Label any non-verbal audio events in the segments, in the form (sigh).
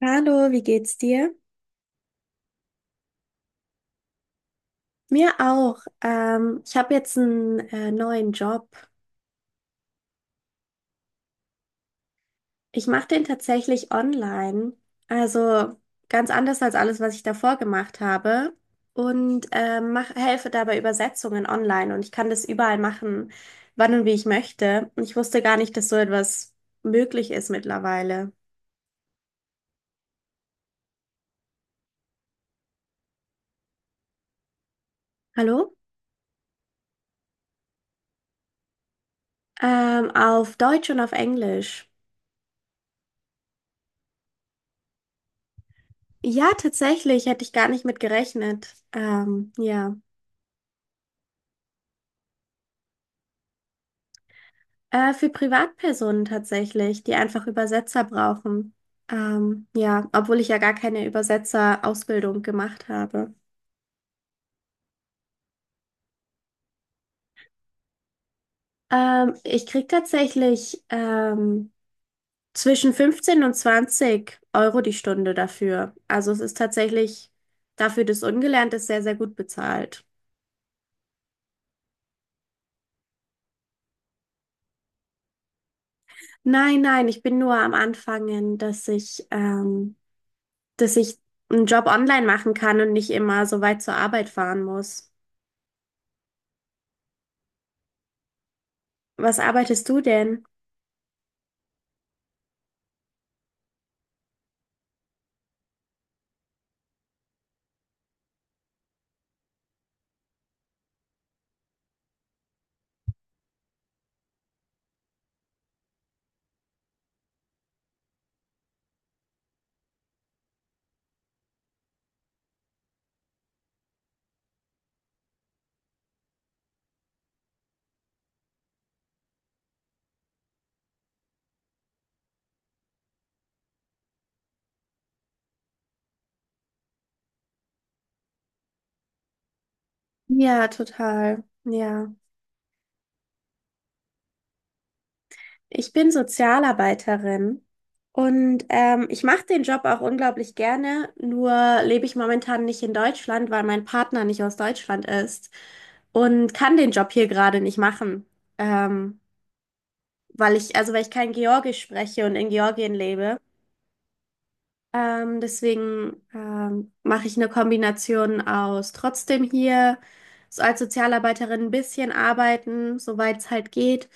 Hallo, wie geht's dir? Mir auch. Ich habe jetzt einen neuen Job. Ich mache den tatsächlich online. Also ganz anders als alles, was ich davor gemacht habe. Und helfe dabei Übersetzungen online. Und ich kann das überall machen, wann und wie ich möchte. Und ich wusste gar nicht, dass so etwas möglich ist mittlerweile. Hallo? Auf Deutsch und auf Englisch. Ja, tatsächlich, hätte ich gar nicht mit gerechnet. Ja. Für Privatpersonen tatsächlich, die einfach Übersetzer brauchen. Ja, obwohl ich ja gar keine Übersetzerausbildung gemacht habe. Ich krieg tatsächlich zwischen 15 und 20 Euro die Stunde dafür. Also es ist tatsächlich dafür, dass ungelernt ist, sehr, sehr gut bezahlt. Nein, nein, ich bin nur am Anfangen, dass ich einen Job online machen kann und nicht immer so weit zur Arbeit fahren muss. Was arbeitest du denn? Ja, total. Ja. Ich bin Sozialarbeiterin und ich mache den Job auch unglaublich gerne, nur lebe ich momentan nicht in Deutschland, weil mein Partner nicht aus Deutschland ist und kann den Job hier gerade nicht machen, ähm, weil ich, also weil ich kein Georgisch spreche und in Georgien lebe. Deswegen mache ich eine Kombination aus trotzdem hier so als Sozialarbeiterin ein bisschen arbeiten, soweit es halt geht,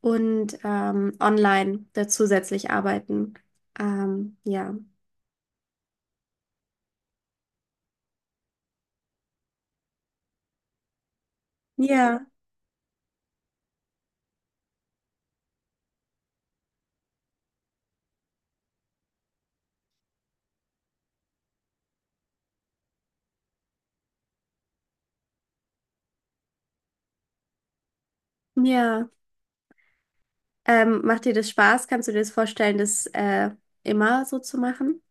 und online da zusätzlich arbeiten. Ja. Ja, ja. Macht dir das Spaß? Kannst du dir das vorstellen, das immer so zu machen?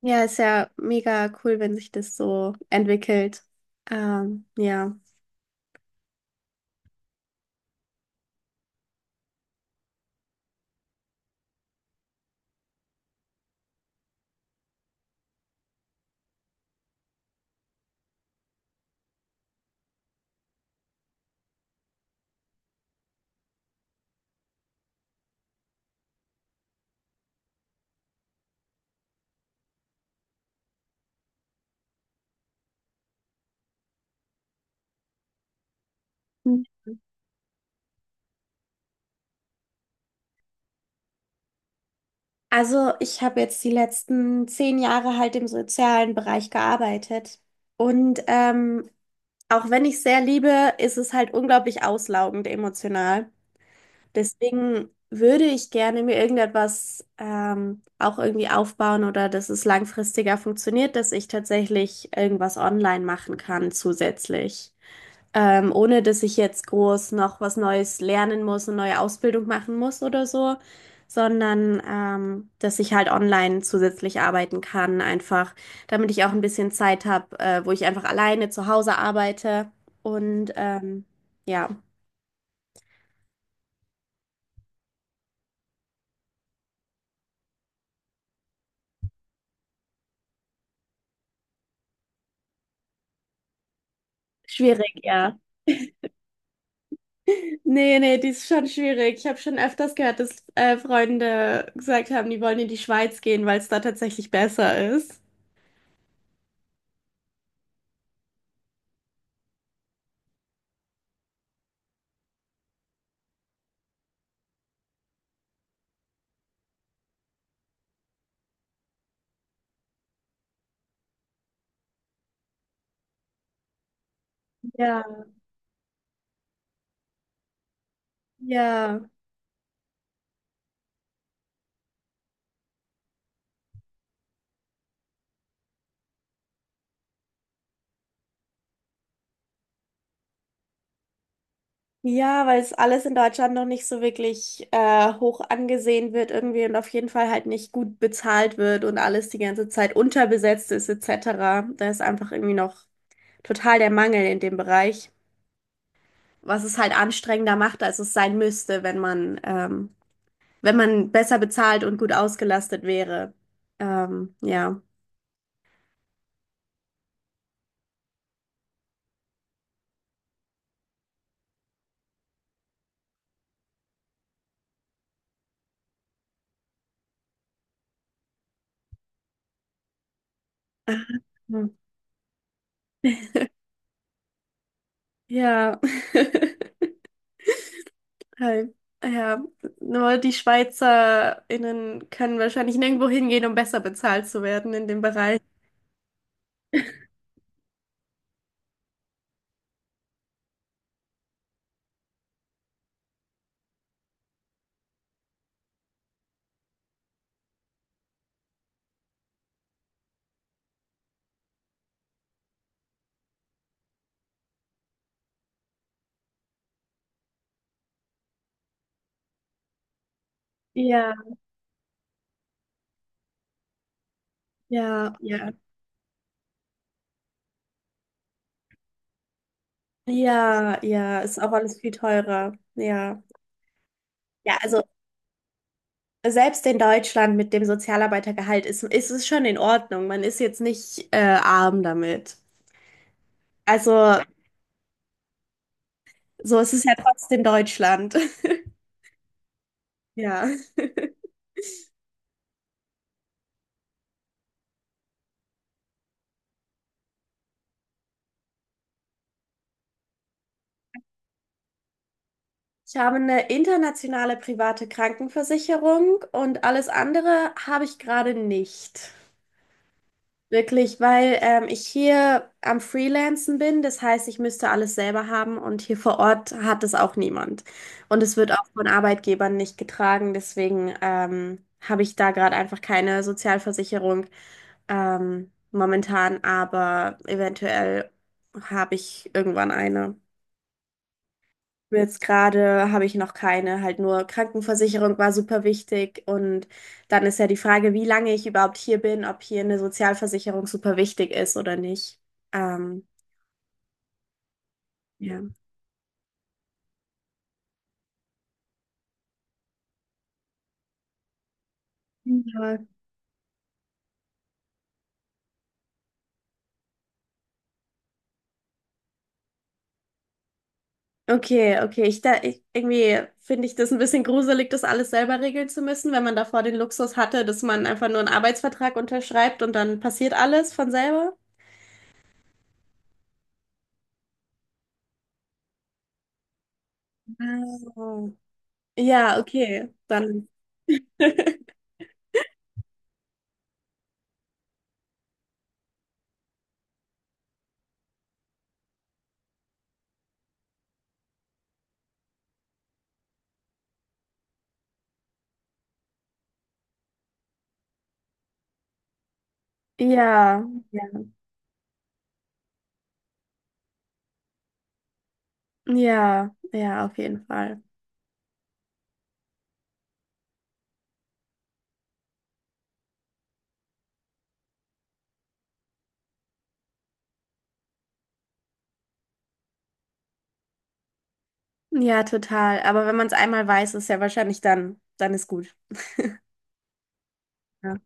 Ja, ist ja mega cool, wenn sich das so entwickelt. Ja. Also, ich habe jetzt die letzten 10 Jahre halt im sozialen Bereich gearbeitet. Und auch wenn ich sehr liebe, ist es halt unglaublich auslaugend emotional. Deswegen würde ich gerne mir irgendetwas auch irgendwie aufbauen oder dass es langfristiger funktioniert, dass ich tatsächlich irgendwas online machen kann zusätzlich, ohne dass ich jetzt groß noch was Neues lernen muss und neue Ausbildung machen muss oder so, sondern dass ich halt online zusätzlich arbeiten kann, einfach, damit ich auch ein bisschen Zeit habe, wo ich einfach alleine zu Hause arbeite. Und ja, schwierig, ja. Nee, nee, die ist schon schwierig. Ich habe schon öfters gehört, dass Freunde gesagt haben, die wollen in die Schweiz gehen, weil es da tatsächlich besser ist. Ja, ja. Ja, weil es alles in Deutschland noch nicht so wirklich hoch angesehen wird irgendwie und auf jeden Fall halt nicht gut bezahlt wird und alles die ganze Zeit unterbesetzt ist etc. Da ist einfach irgendwie noch total der Mangel in dem Bereich, was es halt anstrengender macht, als es sein müsste, wenn man wenn man besser bezahlt und gut ausgelastet wäre. Ja. Ah, ja. (laughs) Halt, ja, nur die SchweizerInnen können wahrscheinlich nirgendwo hingehen, um besser bezahlt zu werden in dem Bereich. Ja, ja, ja. Ja, ja, ist auch alles viel teurer. Ja. Ja, also selbst in Deutschland mit dem Sozialarbeitergehalt ist es schon in Ordnung. Man ist jetzt nicht arm damit. Also, so ist ja trotzdem Deutschland. (laughs) Ja. Ich habe eine internationale private Krankenversicherung und alles andere habe ich gerade nicht. Wirklich, weil ich hier am Freelancen bin, das heißt, ich müsste alles selber haben und hier vor Ort hat es auch niemand. Und es wird auch von Arbeitgebern nicht getragen, deswegen habe ich da gerade einfach keine Sozialversicherung momentan, aber eventuell habe ich irgendwann eine. Jetzt gerade habe ich noch keine, halt nur Krankenversicherung war super wichtig und dann ist ja die Frage, wie lange ich überhaupt hier bin, ob hier eine Sozialversicherung super wichtig ist oder nicht. Ähm, ja. Ja. Okay, okay. Irgendwie finde ich das ein bisschen gruselig, das alles selber regeln zu müssen, wenn man davor den Luxus hatte, dass man einfach nur einen Arbeitsvertrag unterschreibt und dann passiert alles von selber. Ah. Ja, okay. Dann. (laughs) Ja, ja, ja, ja, auf jeden Fall. Ja, total. Aber wenn man es einmal weiß, ist ja wahrscheinlich dann ist gut. Ja.